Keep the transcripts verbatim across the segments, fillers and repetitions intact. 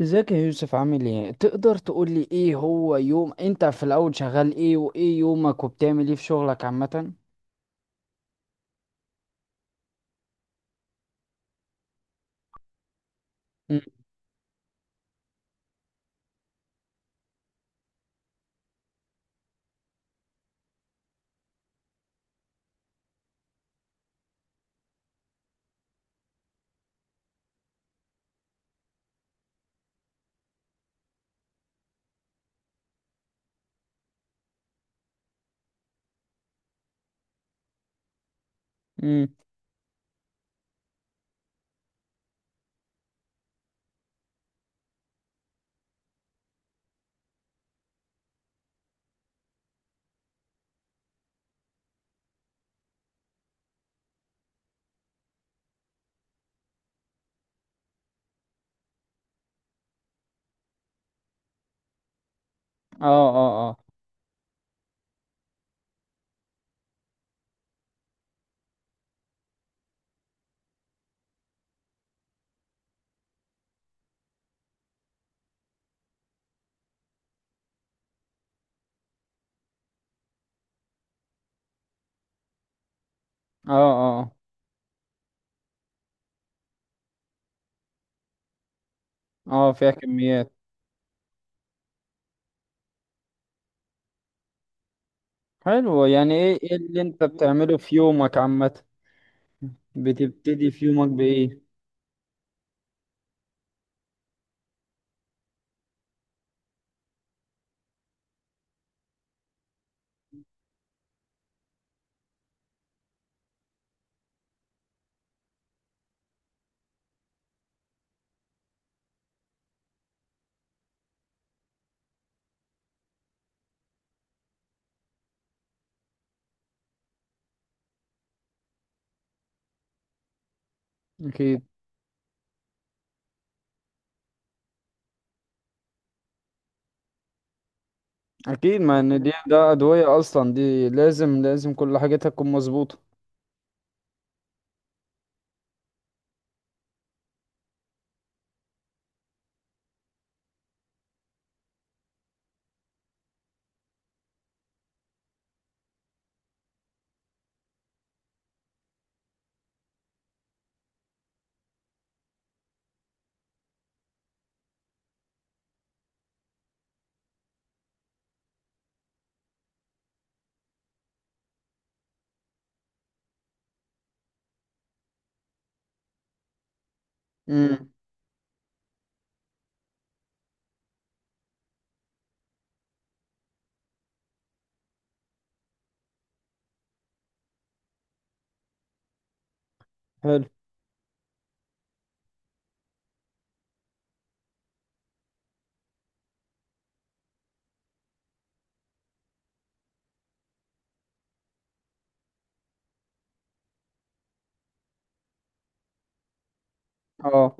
ازيك يا يوسف؟ عامل ايه؟ تقدر تقول لي ايه هو يوم انت في الاول شغال ايه وايه يومك وبتعمل ايه في شغلك عامة؟ امم امم اه اه اه اه اه اه فيها كميات. حلو. يعني ايه ايه اللي انت بتعمله في يومك عامة؟ بتبتدي في يومك بايه؟ اكيد، اكيد، ما ان دي ده ادوية اصلا، دي لازم لازم كل حاجتها تكون مظبوطة. امم حلو. اه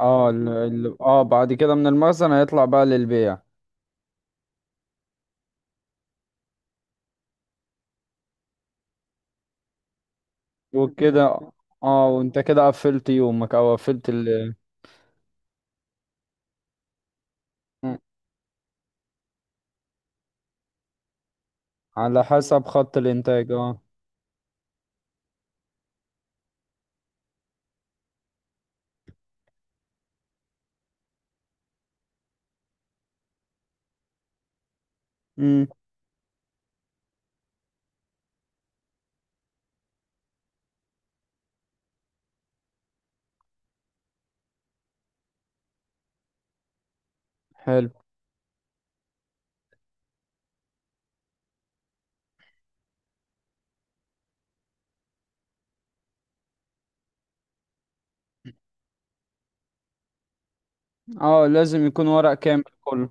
اه ال... ال... اه بعد كده من المخزن هيطلع بقى للبيع وكده. اه، وانت كده قفلت يومك او قفلت ال... مم. على حسب خط الانتاج اه. امم حلو. اه، لازم يكون ورق كامل كله.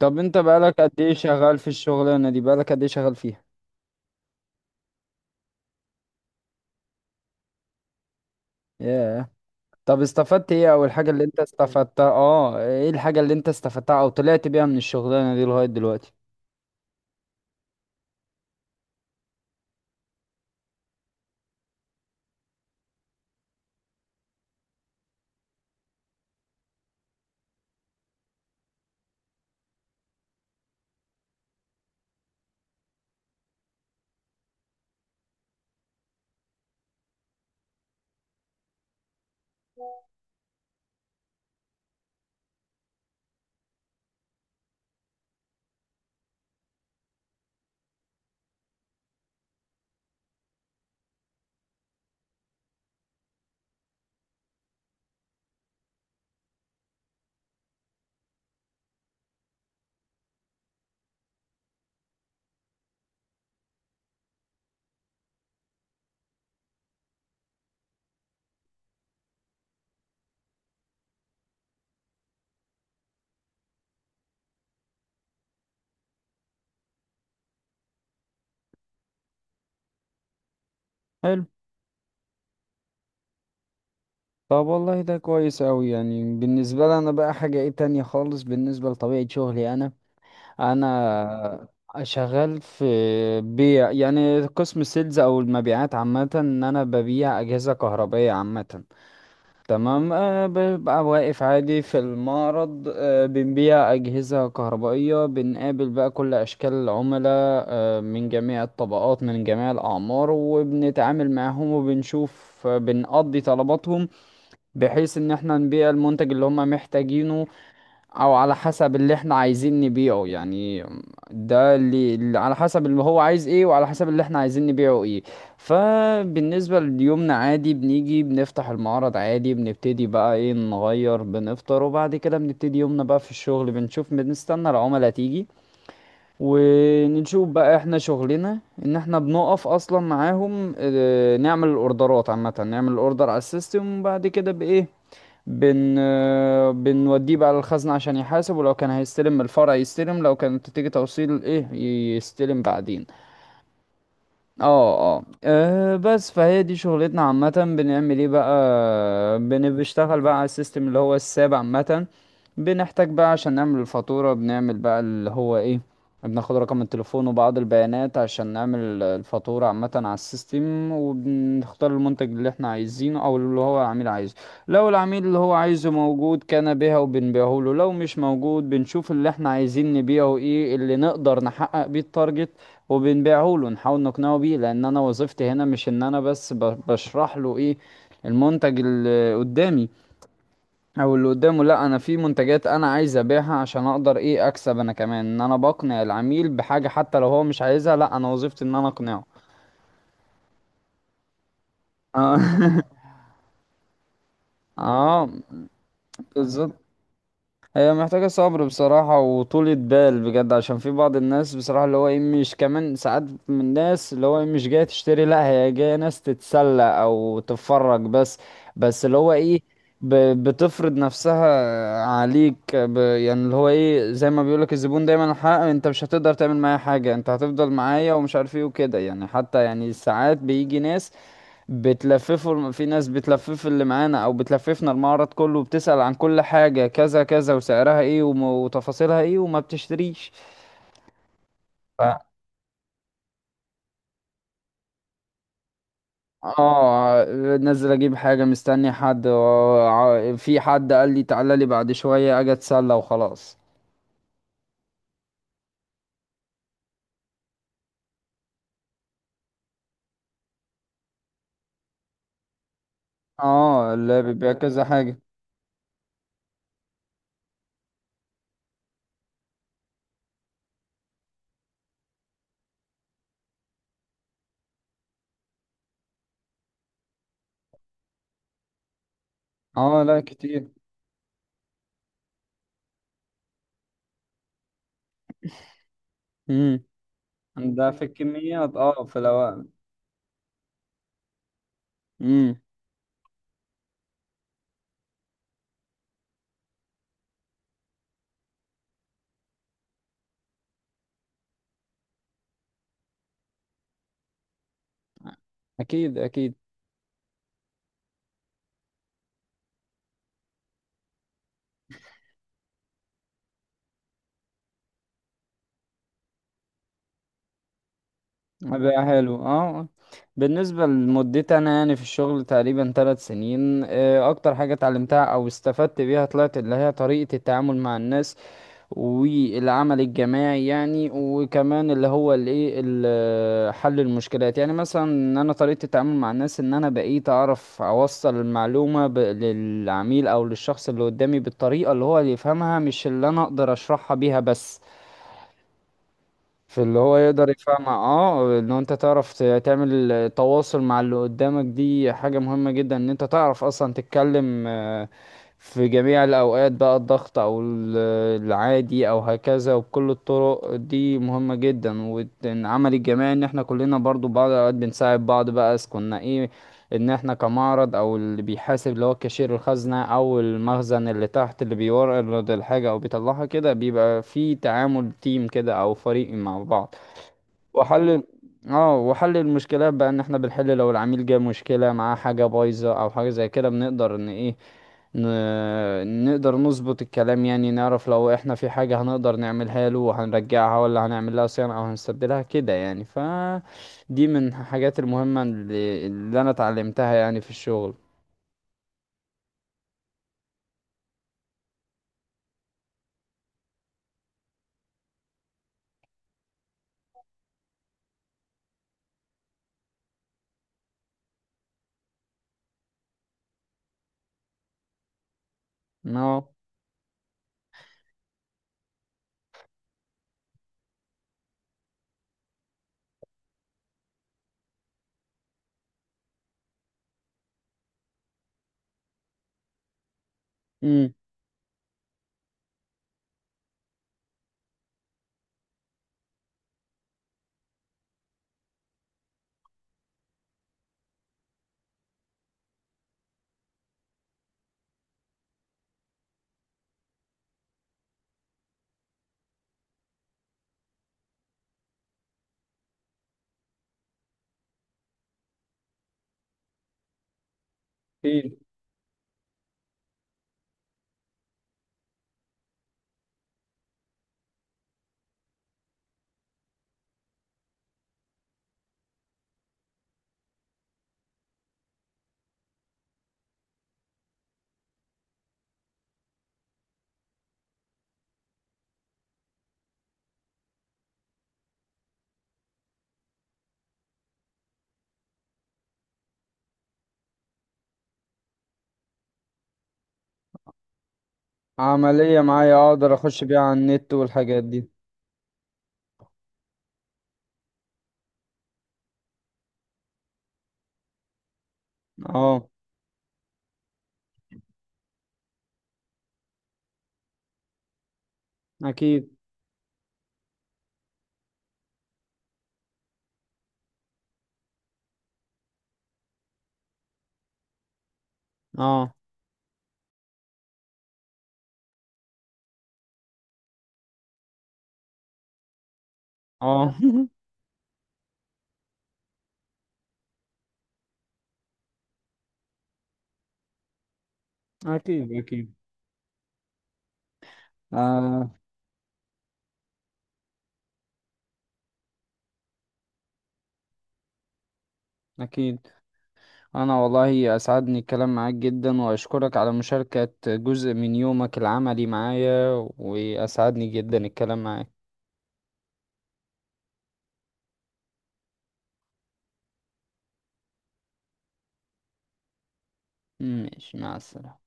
طب انت بقالك قد ايه شغال في الشغلانة دي؟ بقالك قد ايه شغال فيها ياه. طب استفدت ايه؟ اول حاجة اللي انت استفدتها، اه ايه الحاجة اللي انت استفدتها او طلعت بيها من الشغلانة دي لغاية دلوقتي؟ حلو. طب والله ده كويس اوي. يعني بالنسبة لي انا بقى حاجة ايه تانية خالص بالنسبة لطبيعة شغلي انا انا شغال في بيع، يعني قسم السيلز او المبيعات عامه، ان انا ببيع اجهزه كهربائيه عامه. تمام. أه، ببقى واقف عادي في المعرض، أه بنبيع اجهزه كهربائيه، بنقابل بقى كل اشكال العملاء، أه من جميع الطبقات، من جميع الاعمار، وبنتعامل معاهم وبنشوف آه، بنقضي طلباتهم، بحيث ان احنا نبيع المنتج اللي هم محتاجينه او على حسب اللي احنا عايزين نبيعه يعني. ده اللي اللي على حسب اللي هو عايز ايه وعلى حسب اللي احنا عايزين نبيعه ايه. فبالنسبة ليومنا عادي، بنيجي بنفتح المعرض عادي، بنبتدي بقى ايه، نغير، بنفطر، وبعد كده بنبتدي يومنا بقى في الشغل، بنشوف، بنستنى العملاء تيجي، ونشوف بقى احنا شغلنا ان احنا بنقف اصلا معاهم. اه، نعمل الاوردرات عامة، نعمل الاوردر على السيستم، وبعد كده بايه، بن آه، بنوديه بقى للخزنة عشان يحاسب. ولو كان هيستلم من الفرع يستلم، لو كانت تيجي توصيل ايه يستلم بعدين. اه اه آه، بس فهي دي شغلتنا عامة. بنعمل ايه بقى؟ بن- بنشتغل بقى على السيستم اللي هو الساب عامة. بنحتاج بقى عشان نعمل الفاتورة، بنعمل بقى اللي هو ايه، بناخد رقم التليفون وبعض البيانات عشان نعمل الفاتورة عامة على السيستم، وبنختار المنتج اللي احنا عايزينه او اللي هو العميل عايزه. لو العميل اللي هو عايزه موجود كان بيها وبنبيعه له، لو مش موجود بنشوف اللي احنا عايزين نبيعه ايه، اللي نقدر نحقق بيه التارجت وبنبيعه له، نحاول نقنعه بيه. لان انا وظيفتي هنا مش ان انا بس ب- بشرح له ايه المنتج اللي قدامي او اللي قدامه، لا انا في منتجات انا عايز ابيعها عشان اقدر ايه اكسب انا كمان، ان انا بقنع العميل بحاجة حتى لو هو مش عايزها، لا انا وظيفتي ان انا اقنعه. اه. آه، بالظبط. هي محتاجة صبر بصراحة وطولة بال بجد، عشان في بعض الناس بصراحة اللي هو ايه مش كمان، ساعات من الناس اللي هو ايه مش جاية تشتري، لا هي جاية ناس تتسلى او تتفرج بس. بس اللي هو ايه ب- بتفرض نفسها عليك ب، يعني اللي هو ايه زي ما بيقولك الزبون دايما الحق، انت مش هتقدر تعمل معايا حاجة، انت هتفضل معايا، ومش عارف ايه وكده يعني. حتى يعني ساعات بيجي ناس بتلففه، في ناس بتلفف اللي معانا او بتلففنا المعرض كله، وبتسأل عن كل حاجة كذا كذا، وسعرها ايه، وم- وتفاصيلها ايه، وما بتشتريش. ف... اه، نزل اجيب حاجة مستني حد و- ع- في حد قال لي تعالى لي بعد شوية اجي اتسلى وخلاص. اه، اللي بيبيع كذا حاجة. اه، لا كتير. امم ده في الكميات، اه في الاوقات. امم اكيد اكيد. بقى حلو اه. بالنسبة لمدتي انا يعني في الشغل تقريبا ثلاث سنين، آه، اكتر حاجة اتعلمتها او استفدت بيها طلعت اللي هي طريقة التعامل مع الناس، والعمل الجماعي يعني، وكمان اللي هو الايه ال- حل المشكلات. يعني مثلا ان انا طريقة التعامل مع الناس، ان انا بقيت اعرف اوصل المعلومة ب- للعميل او للشخص اللي قدامي بالطريقة اللي هو اللي يفهمها، مش اللي انا اقدر اشرحها بيها بس. في اللي هو يقدر يفهم اه. ان انت تعرف ت- تعمل تواصل مع اللي قدامك دي حاجة مهمة جدا، ان انت تعرف اصلا تتكلم آه، في جميع الاوقات بقى، الضغط او ال- العادي او هكذا، وبكل الطرق دي مهمة جدا. والعمل الجماعي ان احنا كلنا برضو بعض الاوقات بنساعد بعض بقى، إذا كنا ايه، ان احنا كمعرض او اللي بيحاسب اللي هو كاشير الخزنة، او المخزن اللي تحت اللي بيورد الحاجة او بيطلعها كده، بيبقى في تعامل تيم كده او فريق مع بعض. وحل اه وحل المشكلات بقى، ان احنا بنحل لو العميل جه مشكلة معاه حاجة بايظة او حاجة زي كده، بنقدر ان ايه ن... نقدر نظبط الكلام، يعني نعرف لو احنا في حاجة هنقدر نعملها له، وهنرجعها، ولا هنعمل لها صيانة، او هنستبدلها كده يعني. ف دي من الحاجات المهمة اللي, اللي انا اتعلمتها يعني في الشغل. اه. امم في عملية معايا اقدر اخش بيها على النت والحاجات دي. اه اكيد. اه اه. اكيد اكيد. آه، أكيد. أنا والله أسعدني الكلام معاك جدا، وأشكرك على مشاركة جزء من يومك العملي معايا. وأسعدني جدا الكلام معاك. ماشي، مع السلامة.